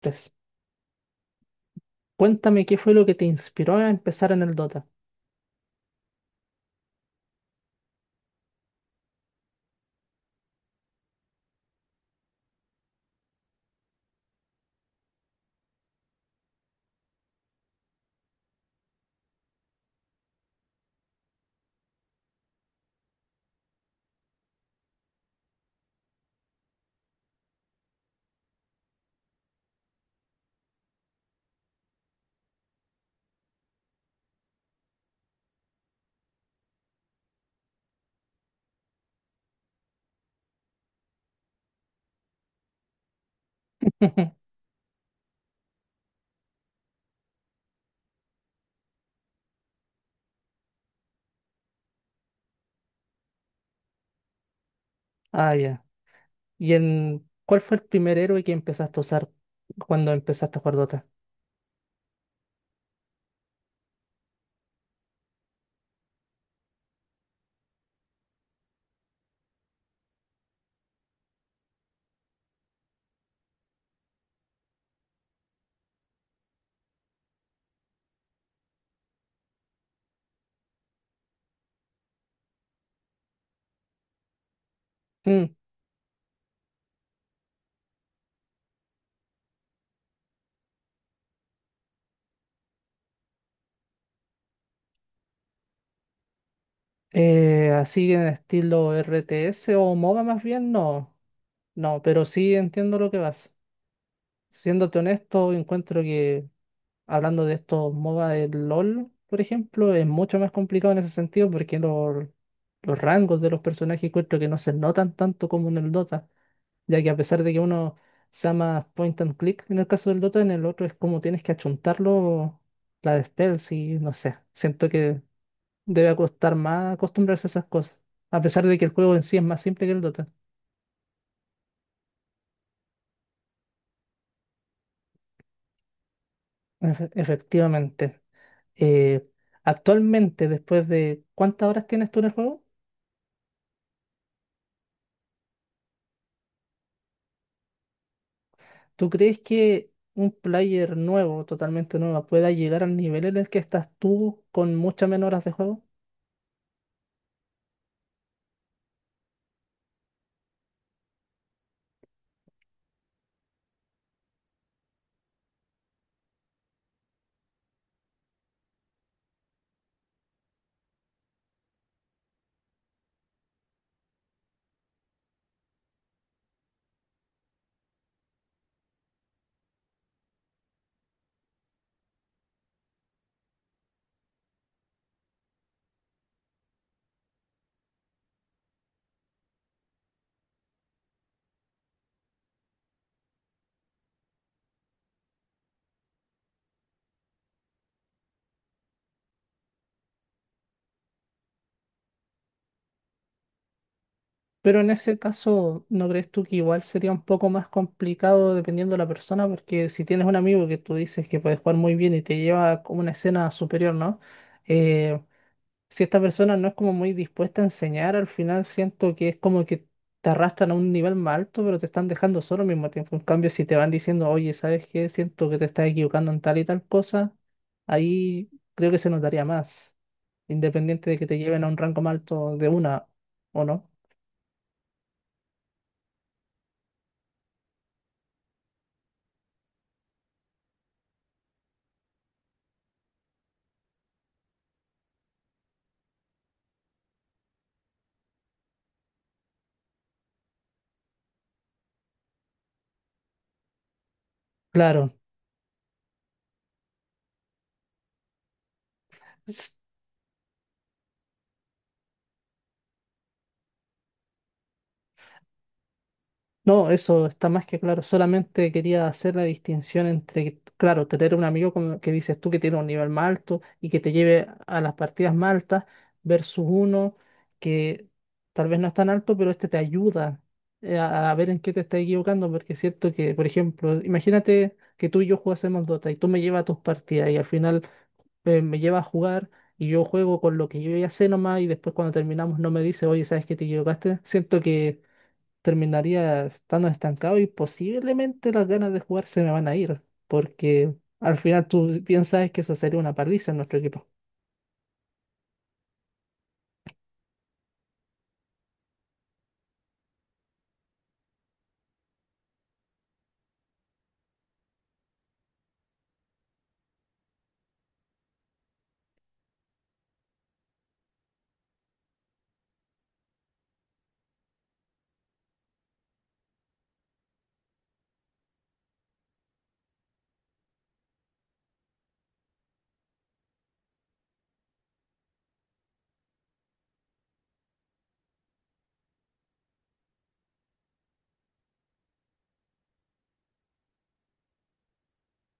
Tres. Cuéntame qué fue lo que te inspiró a empezar en el Dota. Ah, ya. ¿Y en cuál fue el primer héroe que empezaste a usar cuando empezaste a jugar Dota? Mm, así en estilo RTS o MOBA más bien, no. No, pero sí entiendo lo que vas. Siéndote honesto, encuentro que hablando de estos MOBA del LOL, por ejemplo, es mucho más complicado en ese sentido porque los rangos de los personajes encuentro que no se notan tanto como en el Dota, ya que a pesar de que uno sea más point and click en el caso del Dota, en el otro es como tienes que achuntarlo la de spells y no sé, siento que debe costar más acostumbrarse a esas cosas, a pesar de que el juego en sí es más simple que el Dota. Efectivamente. Eh, Actualmente, después de ¿cuántas horas tienes tú en el juego? ¿Tú crees que un player nuevo, totalmente nuevo, pueda llegar al nivel en el que estás tú con muchas menos horas de juego? Pero en ese caso, ¿no crees tú que igual sería un poco más complicado dependiendo de la persona? Porque si tienes un amigo que tú dices que puede jugar muy bien y te lleva como una escena superior, ¿no? Eh, si esta persona no es como muy dispuesta a enseñar, al final siento que es como que te arrastran a un nivel más alto, pero te están dejando solo al mismo tiempo. En cambio, si te van diciendo, oye, ¿sabes qué? Siento que te estás equivocando en tal y tal cosa, ahí creo que se notaría más, independiente de que te lleven a un rango más alto de una o no. Claro. No, eso está más que claro. Solamente quería hacer la distinción entre, claro, tener un amigo como que dices tú que tiene un nivel más alto y que te lleve a las partidas más altas versus uno que tal vez no es tan alto, pero este te ayuda, a ver en qué te estás equivocando, porque es cierto que, por ejemplo, imagínate que tú y yo jugásemos Dota y tú me llevas a tus partidas y al final me llevas a jugar y yo juego con lo que yo ya sé nomás y después cuando terminamos no me dice, oye, ¿sabes qué te equivocaste? Siento que terminaría estando estancado y posiblemente las ganas de jugar se me van a ir, porque al final tú piensas que eso sería una paliza en nuestro equipo.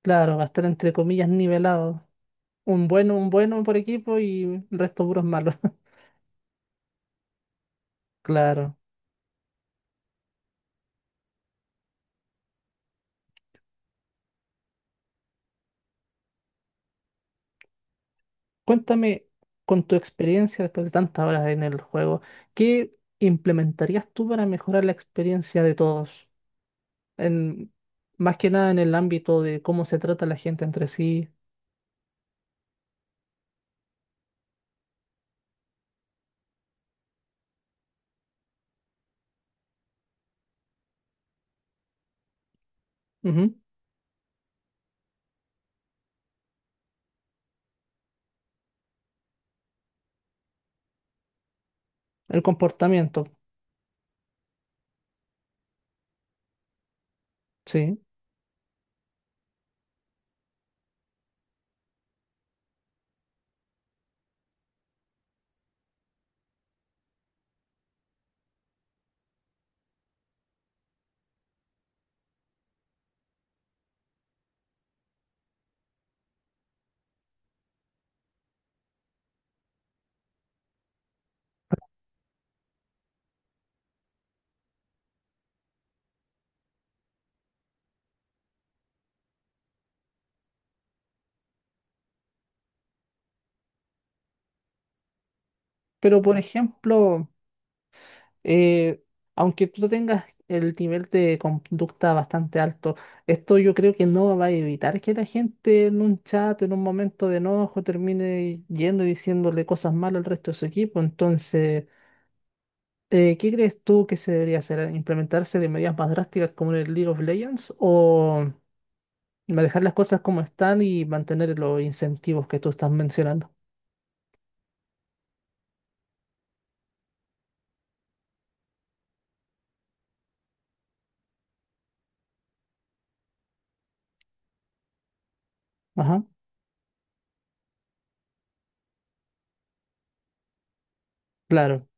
Claro, va a estar entre comillas nivelado. Un bueno por equipo y el resto puros malos. Claro. Cuéntame con tu experiencia después de tantas horas en el juego, ¿qué implementarías tú para mejorar la experiencia de todos? En, Más que nada en el ámbito de cómo se trata la gente entre sí. Ujú. El comportamiento, sí. Pero, por ejemplo, eh, aunque tú tengas el nivel de conducta bastante alto, esto yo creo que no va a evitar que la gente en un chat, en un momento de enojo, termine yendo y diciéndole cosas malas al resto de su equipo. Entonces, ¿qué crees tú que se debería hacer? ¿Implementarse de medidas más drásticas como en el League of Legends o manejar las cosas como están y mantener los incentivos que tú estás mencionando? Ajá, claro.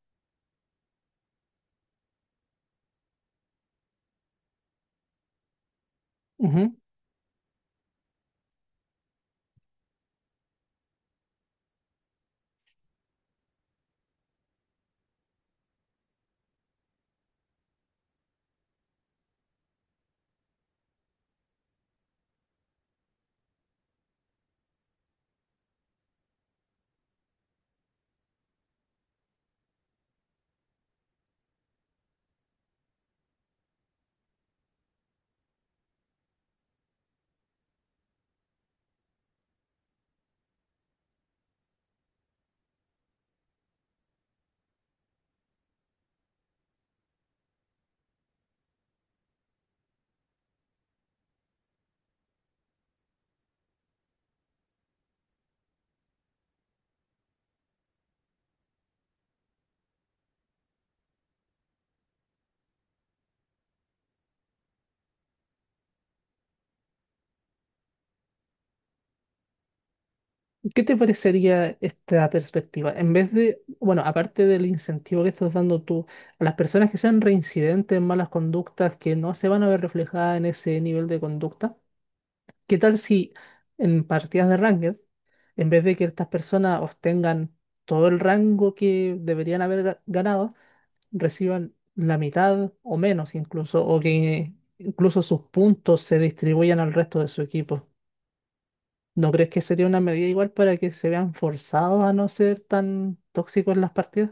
¿Qué te parecería esta perspectiva? En vez de, bueno, aparte del incentivo que estás dando tú a las personas que sean reincidentes en malas conductas, que no se van a ver reflejadas en ese nivel de conducta, ¿qué tal si en partidas de Ranked, en vez de que estas personas obtengan todo el rango que deberían haber ganado, reciban la mitad o menos incluso, o que incluso sus puntos se distribuyan al resto de su equipo? ¿No crees que sería una medida igual para que se vean forzados a no ser tan tóxicos en las partidas?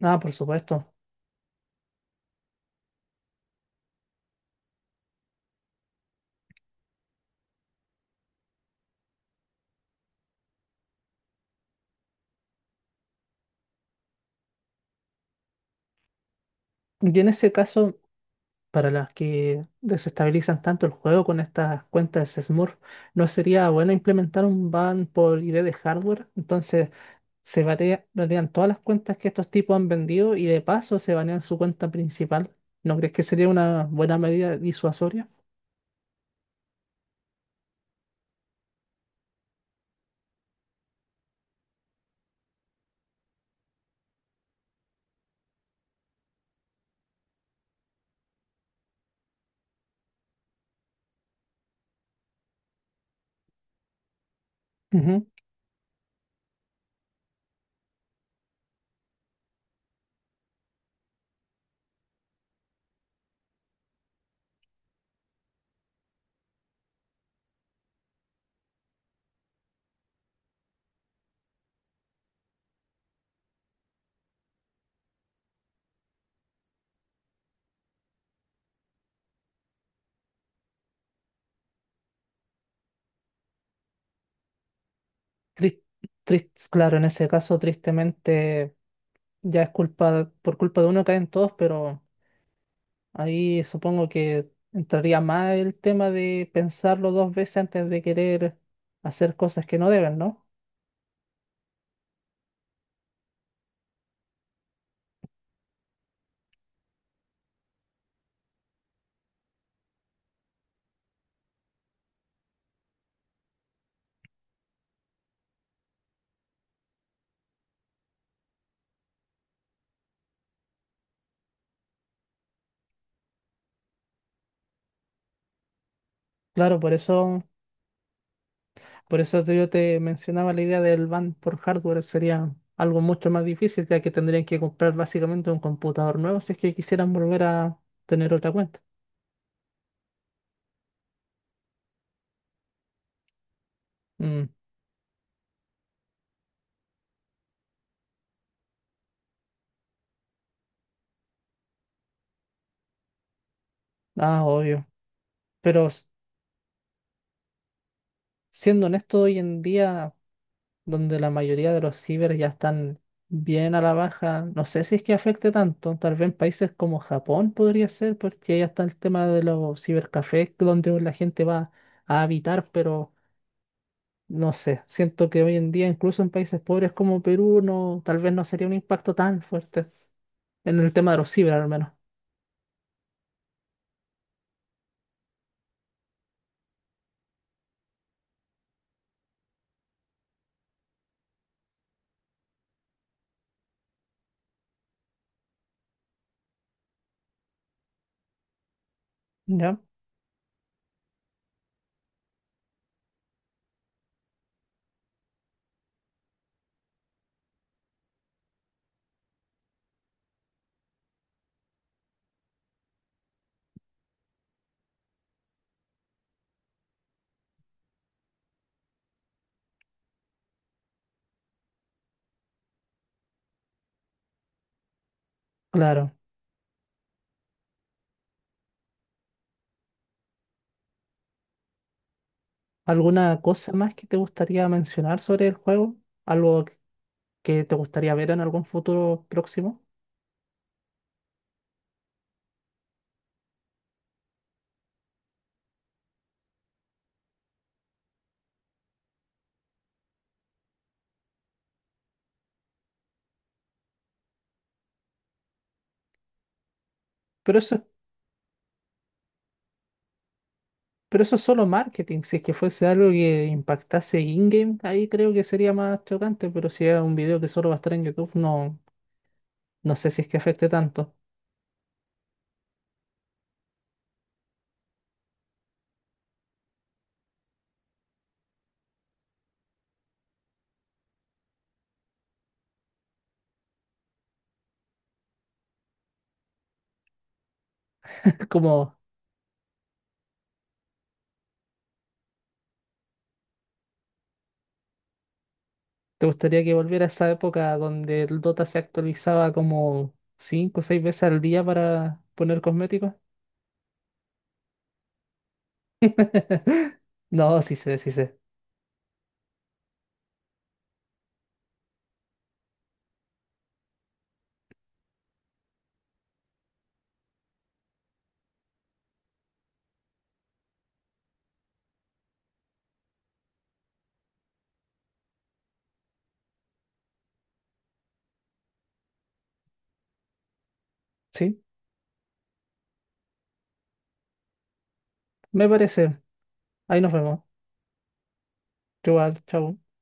Ah, por supuesto. Y en ese caso, para las que desestabilizan tanto el juego con estas cuentas Smurf, ¿no sería bueno implementar un ban por ID de hardware? Entonces se banean todas las cuentas que estos tipos han vendido y de paso se banean su cuenta principal. ¿No crees que sería una buena medida disuasoria? Ujú. Tris- claro, en ese caso, tristemente, ya es culpa, por culpa de uno caen todos, pero ahí supongo que entraría más el tema de pensarlo dos veces antes de querer hacer cosas que no deben, ¿no? Claro, por eso, yo te mencionaba la idea del ban por hardware, sería algo mucho más difícil, ya que tendrían que comprar básicamente un computador nuevo si es que quisieran volver a tener otra cuenta. Mm, ah, obvio. Pero siendo honesto, hoy en día, donde la mayoría de los ciber ya están bien a la baja. No sé si es que afecte tanto, tal vez en países como Japón podría ser, porque ya está el tema de los cibercafés, donde la gente va a habitar, pero no sé, siento que hoy en día, incluso en países pobres como Perú, no, tal vez no sería un impacto tan fuerte en el tema de los ciber, al menos. ¿Ya? Claro. ¿Alguna cosa más que te gustaría mencionar sobre el juego? ¿Algo que te gustaría ver en algún futuro próximo? Pero eso Pero eso es solo marketing. Si es que fuese algo que impactase in-game, ahí creo que sería más chocante. Pero si es un video que solo va a estar en YouTube, no, no sé si es que afecte tanto. como, ¿Te gustaría que volviera a esa época donde el Dota se actualizaba como 5 o 6 veces al día para poner cosméticos? No, sí sé, sí sé. Sí, me parece. Ahí nos vemos. Igual, chao.